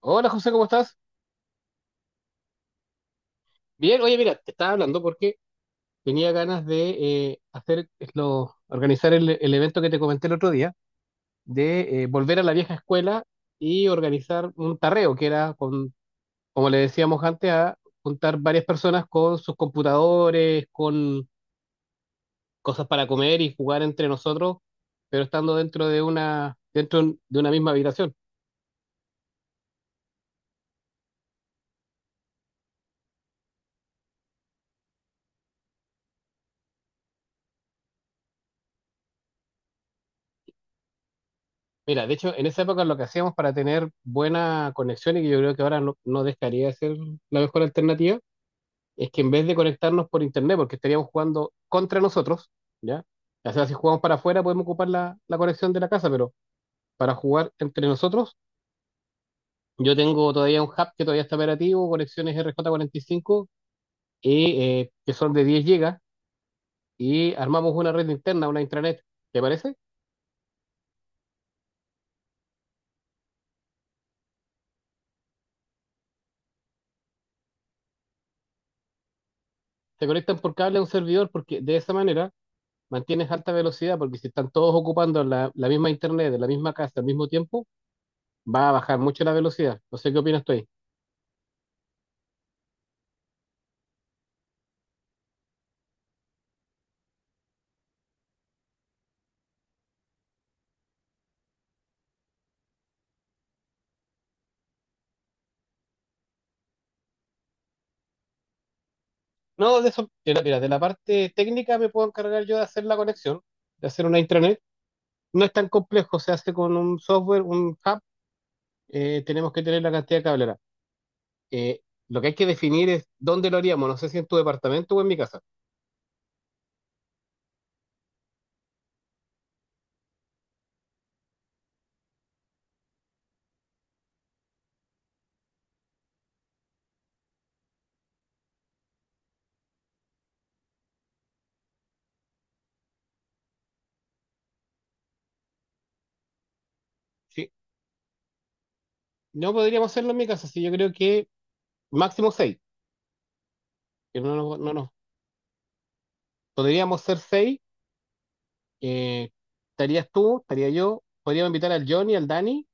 Hola José, ¿cómo estás? Bien, oye, mira, te estaba hablando porque tenía ganas de hacer lo, organizar el evento que te comenté el otro día, de volver a la vieja escuela y organizar un tarreo, que era, con, como le decíamos antes, a juntar varias personas con sus computadores, con cosas para comer y jugar entre nosotros, pero estando dentro de una misma habitación. Mira, de hecho, en esa época lo que hacíamos para tener buena conexión y que yo creo que ahora no dejaría de ser la mejor alternativa es que en vez de conectarnos por internet, porque estaríamos jugando contra nosotros, ¿ya? O sea, si jugamos para afuera podemos ocupar la conexión de la casa, pero para jugar entre nosotros, yo tengo todavía un hub que todavía está operativo, conexiones RJ45, y, cinco, y, que son de 10 GB, y armamos una red interna, una intranet, ¿te parece? Se conectan por cable a un servidor porque de esa manera mantienes alta velocidad, porque si están todos ocupando la misma internet, de la misma casa al mismo tiempo, va a bajar mucho la velocidad. No sé qué opinas tú ahí. No, de eso, mira, de la parte técnica me puedo encargar yo de hacer la conexión, de hacer una intranet. No es tan complejo, se hace con un software, un hub, tenemos que tener la cantidad de cablera. Eh, lo que hay que definir es dónde lo haríamos, no sé si en tu departamento o en mi casa. Sí, no podríamos hacerlo en mi casa, sí, yo creo que máximo seis, que no, nos- no, nos- podríamos ser seis, eh, estarías tú, estaría yo, podríamos invitar al Johnny, al Dani,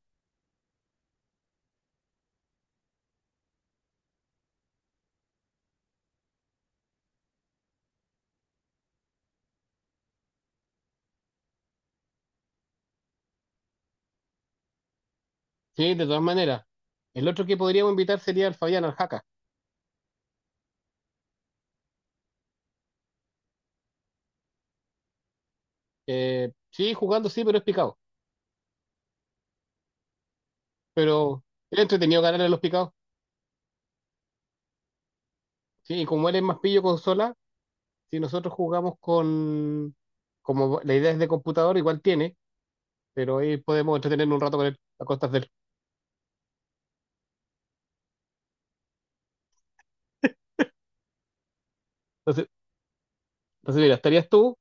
sí, de todas maneras. El otro que podríamos invitar sería al Fabián, al Jaca. Sí, jugando sí, pero es picado. Pero es entretenido ganarle a los picados. Sí, y como él es más pillo consola, si nosotros jugamos con... Como la idea es de computador, igual tiene, pero ahí podemos entretenernos un rato con él, a costas de él. Entonces, entonces, mira, estarías tú,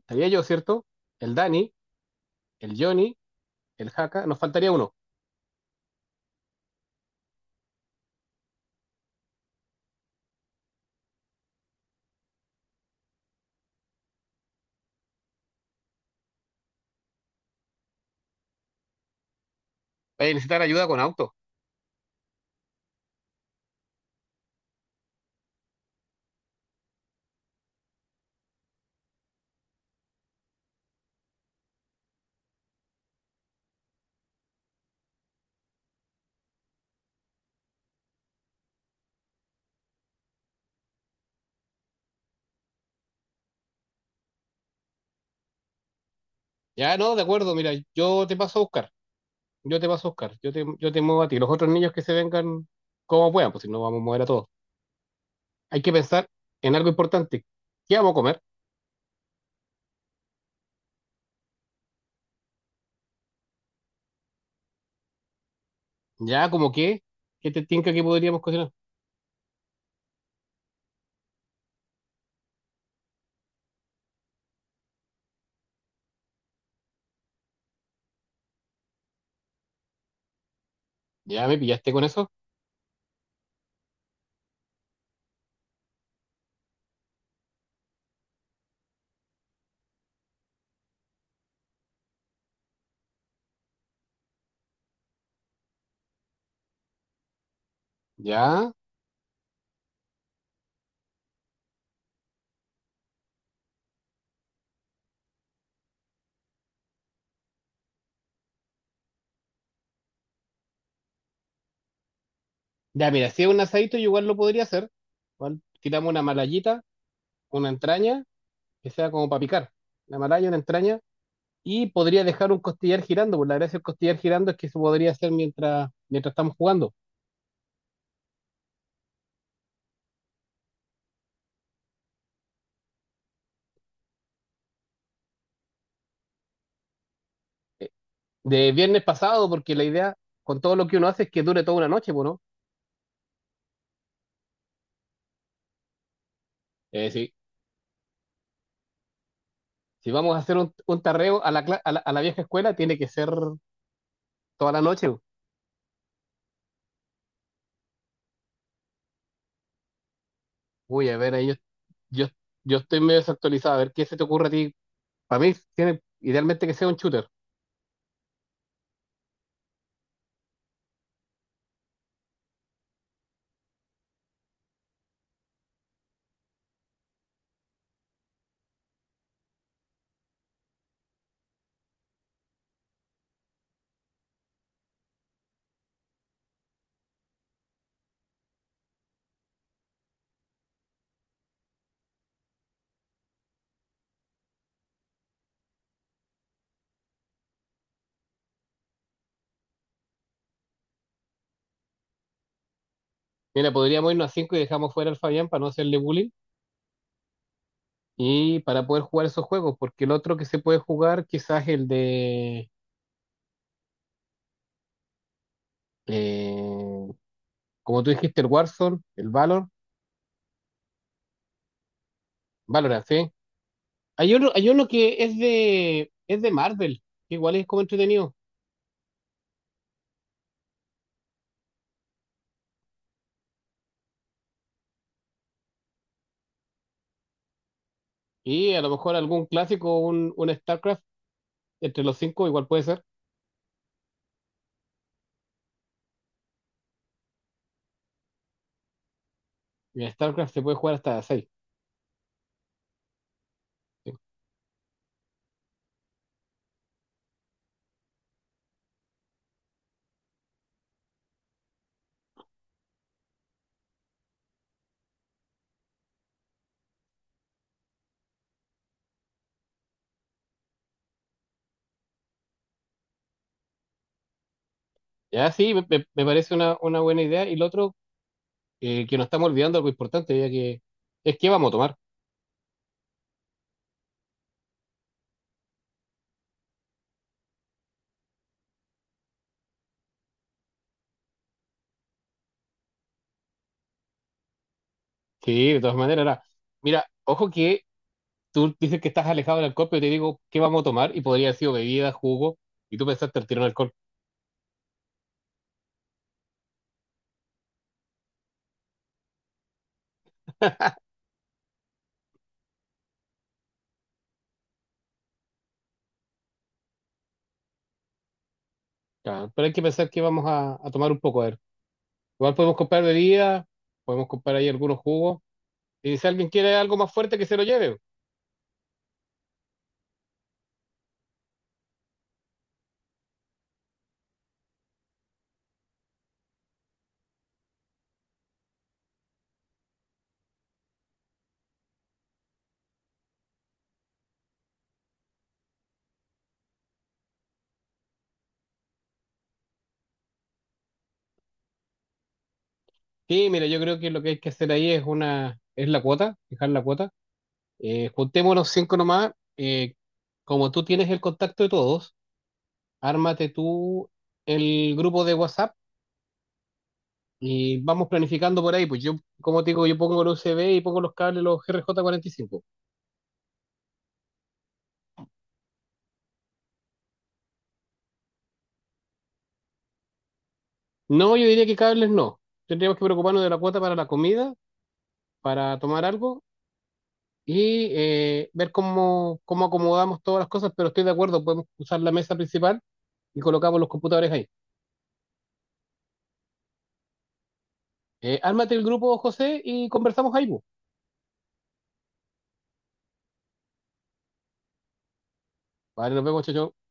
estaría yo, ¿cierto? El Dani, el Johnny, el Haka, nos faltaría uno. Vaya a necesitar ayuda con auto. Ya, no, de acuerdo, mira, yo te paso a buscar, yo te muevo a ti. Los otros niños que se vengan como puedan, pues si no vamos a mover a todos. Hay que pensar en algo importante. ¿Qué vamos a comer? Ya, como que, ¿qué te tinca que podríamos cocinar? Ya me pillaste con eso. Ya. Ya, mira, si es un asadito, yo igual lo podría hacer. Igual tiramos una malayita, una entraña, que sea como para picar. Una malaya, una entraña. Y podría dejar un costillar girando, por la gracia del costillar girando es que se podría hacer mientras estamos jugando. Eh, De viernes pasado, porque la idea con todo lo que uno hace es que dure toda una noche, pues, ¿no? Sí. Si vamos a hacer un tarreo a la, cla- a la vieja escuela, tiene que ser toda la noche. Uy, a ver, yo, yo estoy medio desactualizado. A ver, ¿qué se te ocurre a ti? Para mí, tiene, idealmente que sea un shooter. Mira, podríamos irnos a 5 y dejamos fuera al Fabián para no hacerle bullying y para poder jugar esos juegos, porque el otro que se puede jugar quizás el de, eh, como tú dijiste, el Warzone, el Valor, Valorant, ¿sí? Hay uno que es es de Marvel, que igual es como entretenido. Y a lo mejor algún clásico, un StarCraft, entre los cinco igual puede ser. En StarCraft se puede jugar hasta seis. Ya, sí, me parece una buena idea. Y lo otro, que nos estamos olvidando algo importante, ya que es que vamos a tomar. Sí, de todas maneras, ahora, mira, ojo que tú dices que estás alejado del alcohol, pero te digo qué vamos a tomar y podría haber sido bebida, jugo, y tú pensaste al tiro en alcohol. Ya, pero hay que pensar que vamos a tomar un poco, a ver. Igual podemos comprar bebida, podemos comprar ahí algunos jugos. Y si alguien quiere algo más fuerte, que se lo lleve. Sí, mira, yo creo que lo que hay que hacer ahí es es la cuota, fijar la cuota. Juntémonos cinco nomás. Eh, como tú tienes el contacto de todos, ármate tú el grupo de WhatsApp y vamos planificando por ahí. Pues yo, como te digo, yo pongo el USB y pongo los cables, los RJ45. No, yo diría que cables no. Tendríamos que preocuparnos de la cuota para la comida, para tomar algo y ver cómo, cómo acomodamos todas las cosas, pero estoy de acuerdo, podemos usar la mesa principal y colocamos los computadores ahí. Ármate el grupo, José, y conversamos ahí pues. Vale, nos vemos, chao, chao.